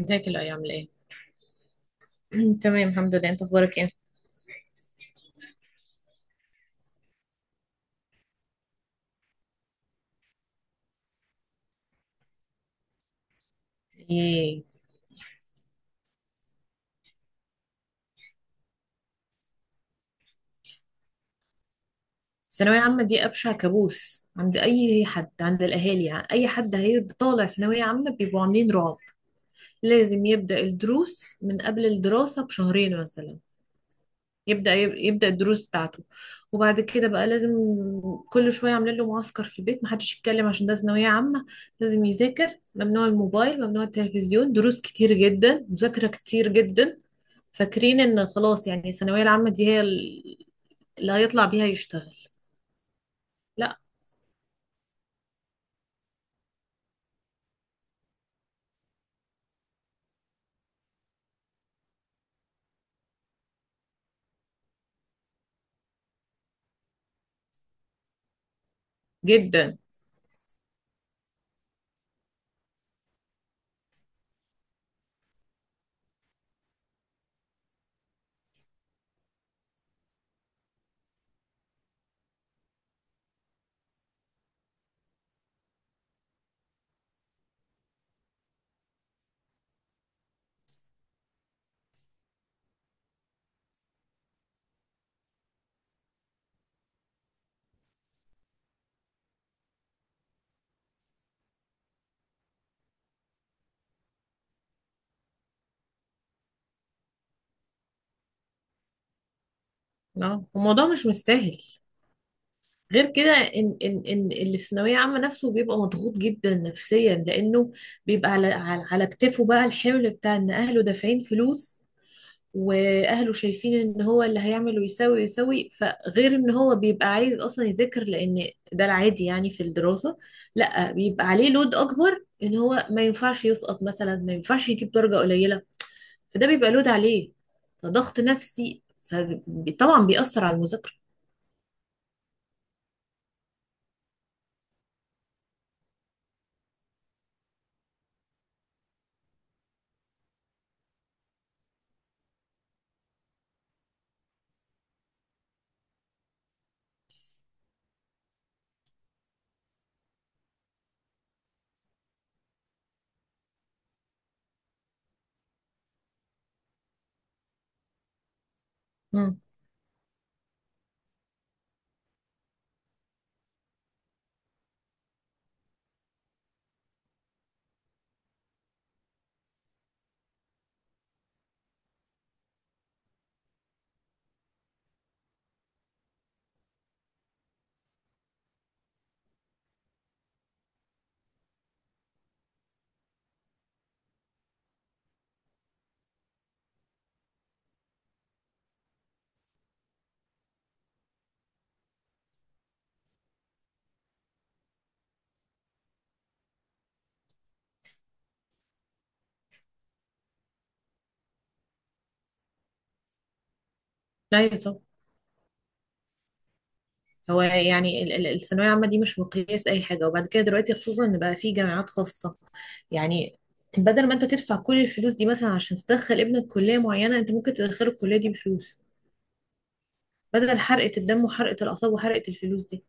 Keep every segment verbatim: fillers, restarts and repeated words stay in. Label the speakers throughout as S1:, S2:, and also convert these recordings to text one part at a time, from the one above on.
S1: ازيك الايام ليه؟ تمام الحمد لله، انت اخبارك ايه؟ ايه الثانوية عامة دي؟ أبشع كابوس عند أي حد، عند الأهالي يعني. أي حد هيبقى طالع ثانوية عامة بيبقوا عاملين رعب. لازم يبدأ الدروس من قبل الدراسة بشهرين مثلا. يبدأ يبدأ الدروس بتاعته. وبعد كده بقى لازم كل شوية عاملين له معسكر في البيت، محدش يتكلم عشان ده ثانوية عامة. لازم يذاكر، ممنوع الموبايل، ممنوع التلفزيون، دروس كتير جدا، مذاكرة كتير جدا. فاكرين ان خلاص يعني الثانوية العامة دي هي ال- اللي هيطلع بيها يشتغل. لا. جدا. اه الموضوع مش مستاهل. غير كده ان ان ان اللي في ثانويه عامه نفسه بيبقى مضغوط جدا نفسيا لانه بيبقى على على على كتفه بقى الحمل بتاع ان اهله دافعين فلوس، واهله شايفين ان هو اللي هيعمل ويساوي ويساوي. فغير ان هو بيبقى عايز اصلا يذاكر لان ده العادي يعني في الدراسة، لا بيبقى عليه لود اكبر ان هو ما ينفعش يسقط مثلا، ما ينفعش يجيب درجة قليلة. فده بيبقى لود عليه، فضغط نفسي، فطبعا بيأثر على المذاكرة. امم ايوه طبعا. هو يعني ال- ال- الثانوية العامة دي مش مقياس أي حاجة. وبعد كده دلوقتي خصوصا إن بقى في جامعات خاصة، يعني بدل ما أنت تدفع كل الفلوس دي مثلا عشان تدخل ابنك كلية معينة، أنت ممكن تدخله الكلية دي بفلوس بدل حرقة الدم وحرقة الأعصاب وحرقة الفلوس دي.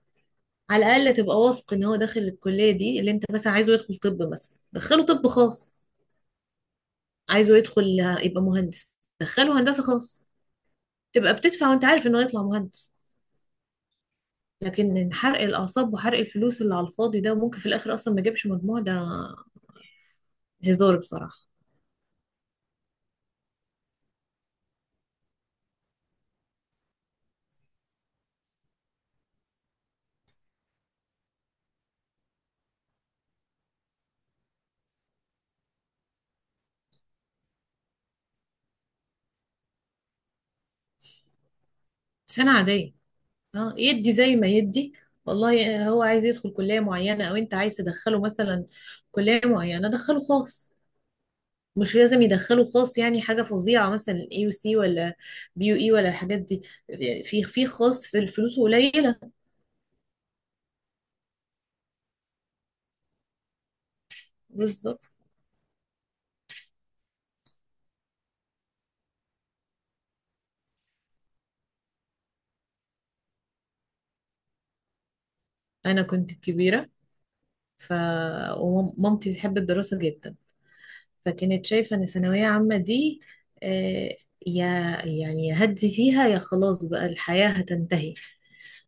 S1: على الأقل تبقى واثق إن هو داخل الكلية دي اللي أنت مثلا عايزه. يدخل طب مثلا، دخله طب خاص. عايزه يدخل يبقى مهندس، دخله هندسة خاص. تبقى بتدفع وأنت عارف إنه هيطلع مهندس. لكن حرق الأعصاب وحرق الفلوس اللي على الفاضي ده، وممكن في الآخر أصلا ما جابش مجموع، ده هزار بصراحة. سنة عادية. اه يدي زي ما يدي. والله آه، هو عايز يدخل كلية معينة او انت عايز تدخله مثلا كلية معينة، دخله خاص. مش لازم يدخله خاص يعني حاجة فظيعة مثلا اي يو سي ولا بي يو اي ولا الحاجات دي. في في خاص في الفلوس قليلة. بالظبط. انا كنت كبيرة، ف، ومامتي بتحب الدراسة جدا، فكانت شايفة ان ثانوية عامة دي آه، يا يعني يا هدي فيها يا خلاص بقى الحياة هتنتهي.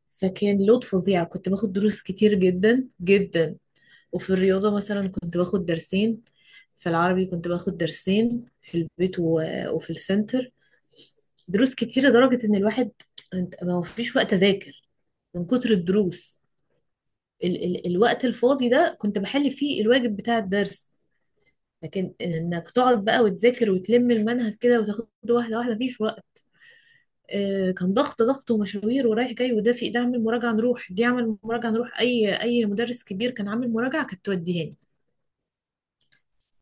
S1: فكان لود فظيع. كنت باخد دروس كتير جدا جدا. وفي الرياضة مثلا كنت باخد درسين، في العربي كنت باخد درسين في البيت و... وفي السنتر. دروس كتير لدرجة إن الواحد أنت- ما فيش وقت أذاكر من كتر الدروس. ال... ال... الوقت الفاضي ده كنت بحل فيه الواجب بتاع الدرس. لكن إنك تقعد بقى وتذاكر وتلم المنهج كده وتاخد واحدة واحدة، مفيش وقت. آه، كان ضغط ضغط ومشاوير ورايح جاي، ودافي ده عامل مراجعة نروح، دي عامل مراجعة نروح، أي أي مدرس كبير كان عامل مراجعة كانت توديهاني.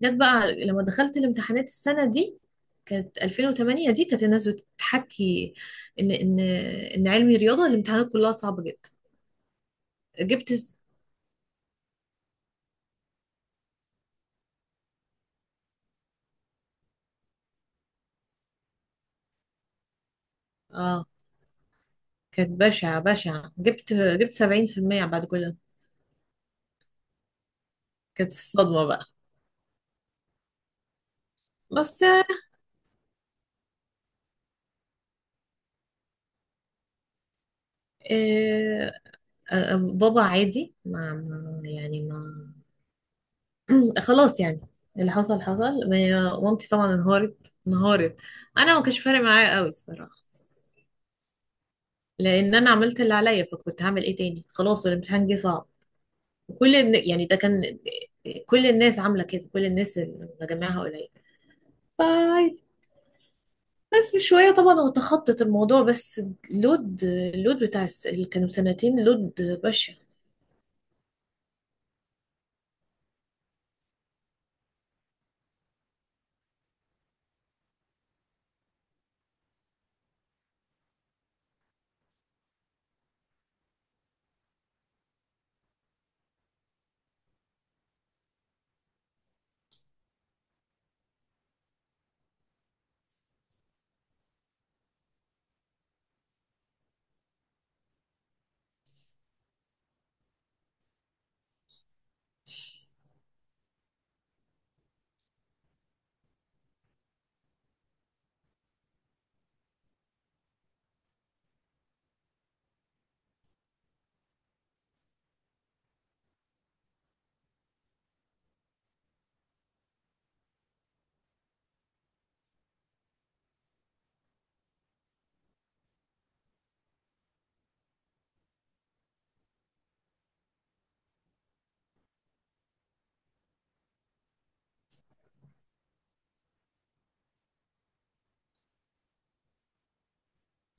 S1: جت بقى لما دخلت الامتحانات السنة دي، كانت ألفين وتمانية، دي كانت الناس بتحكي إن إن إن علمي رياضة الامتحانات كلها صعبة جدا. جبت س- اه كانت بشعة بشعة. جبت جبت سبعين في المية بعد كل ده. كانت الصدمة بقى. بس آه، آه، بابا عادي، ما ما يعني ما خلاص يعني، اللي حصل حصل. ما- مامتي طبعا انهارت انهارت. انا ما كانش فارق معايا قوي الصراحه، لان انا عملت اللي عليا، فكنت هعمل ايه تاني؟ خلاص والامتحان جه صعب. وكل الن- يعني ده كان كل الناس عامله كده، كل الناس اللي مجمعها قليل، فعادي. بس شويه طبعا هو تخطط الموضوع بس. اللود اللود بتاع الس- اللي كانوا سنتين لود بشع.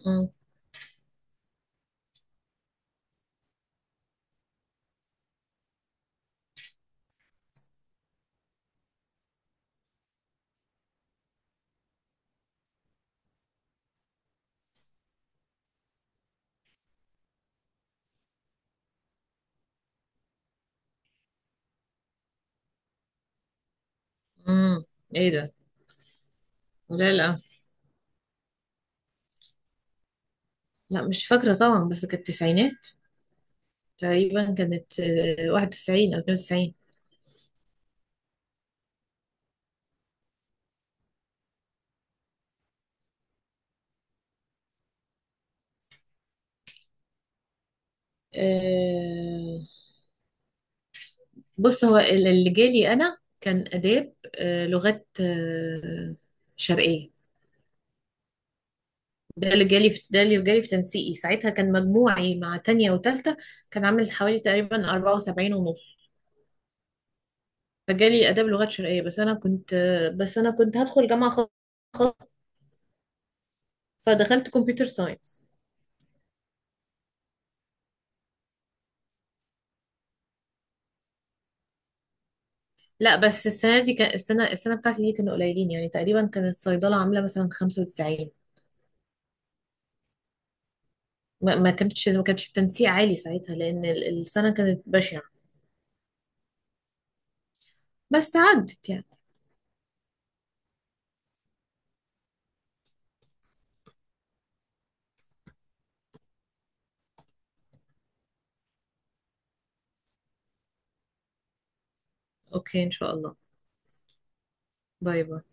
S1: مم. مم. ايه ده؟ لا لا، لا مش فاكره طبعا، بس كانت التسعينات تقريبا، كانت آه، واحد وتسعين او اتنين وتسعين. آه، بص، هو ال- اللي جالي انا كان اداب آه، لغات آه، شرقيه. ده اللي جالي في، ده اللي جالي في تنسيقي ساعتها، كان مجموعي مع تانية وتالتة كان عامل حوالي تقريبا أربعة وسبعين ونص. فجالي اداب لغات شرقيه، بس انا كنت آه، بس انا كنت هدخل جامعه خاصه، فدخلت كمبيوتر ساينس. لا بس السنه دي كان السنه السنه بتاعتي دي كانوا قليلين يعني، تقريبا كانت الصيدله عامله مثلا خمسة وتسعين. ما ما كانتش ما كانش التنسيق عالي ساعتها لأن ال- السنة كانت بشعة. بس عدت يعني. اوكي ان شاء الله. باي باي.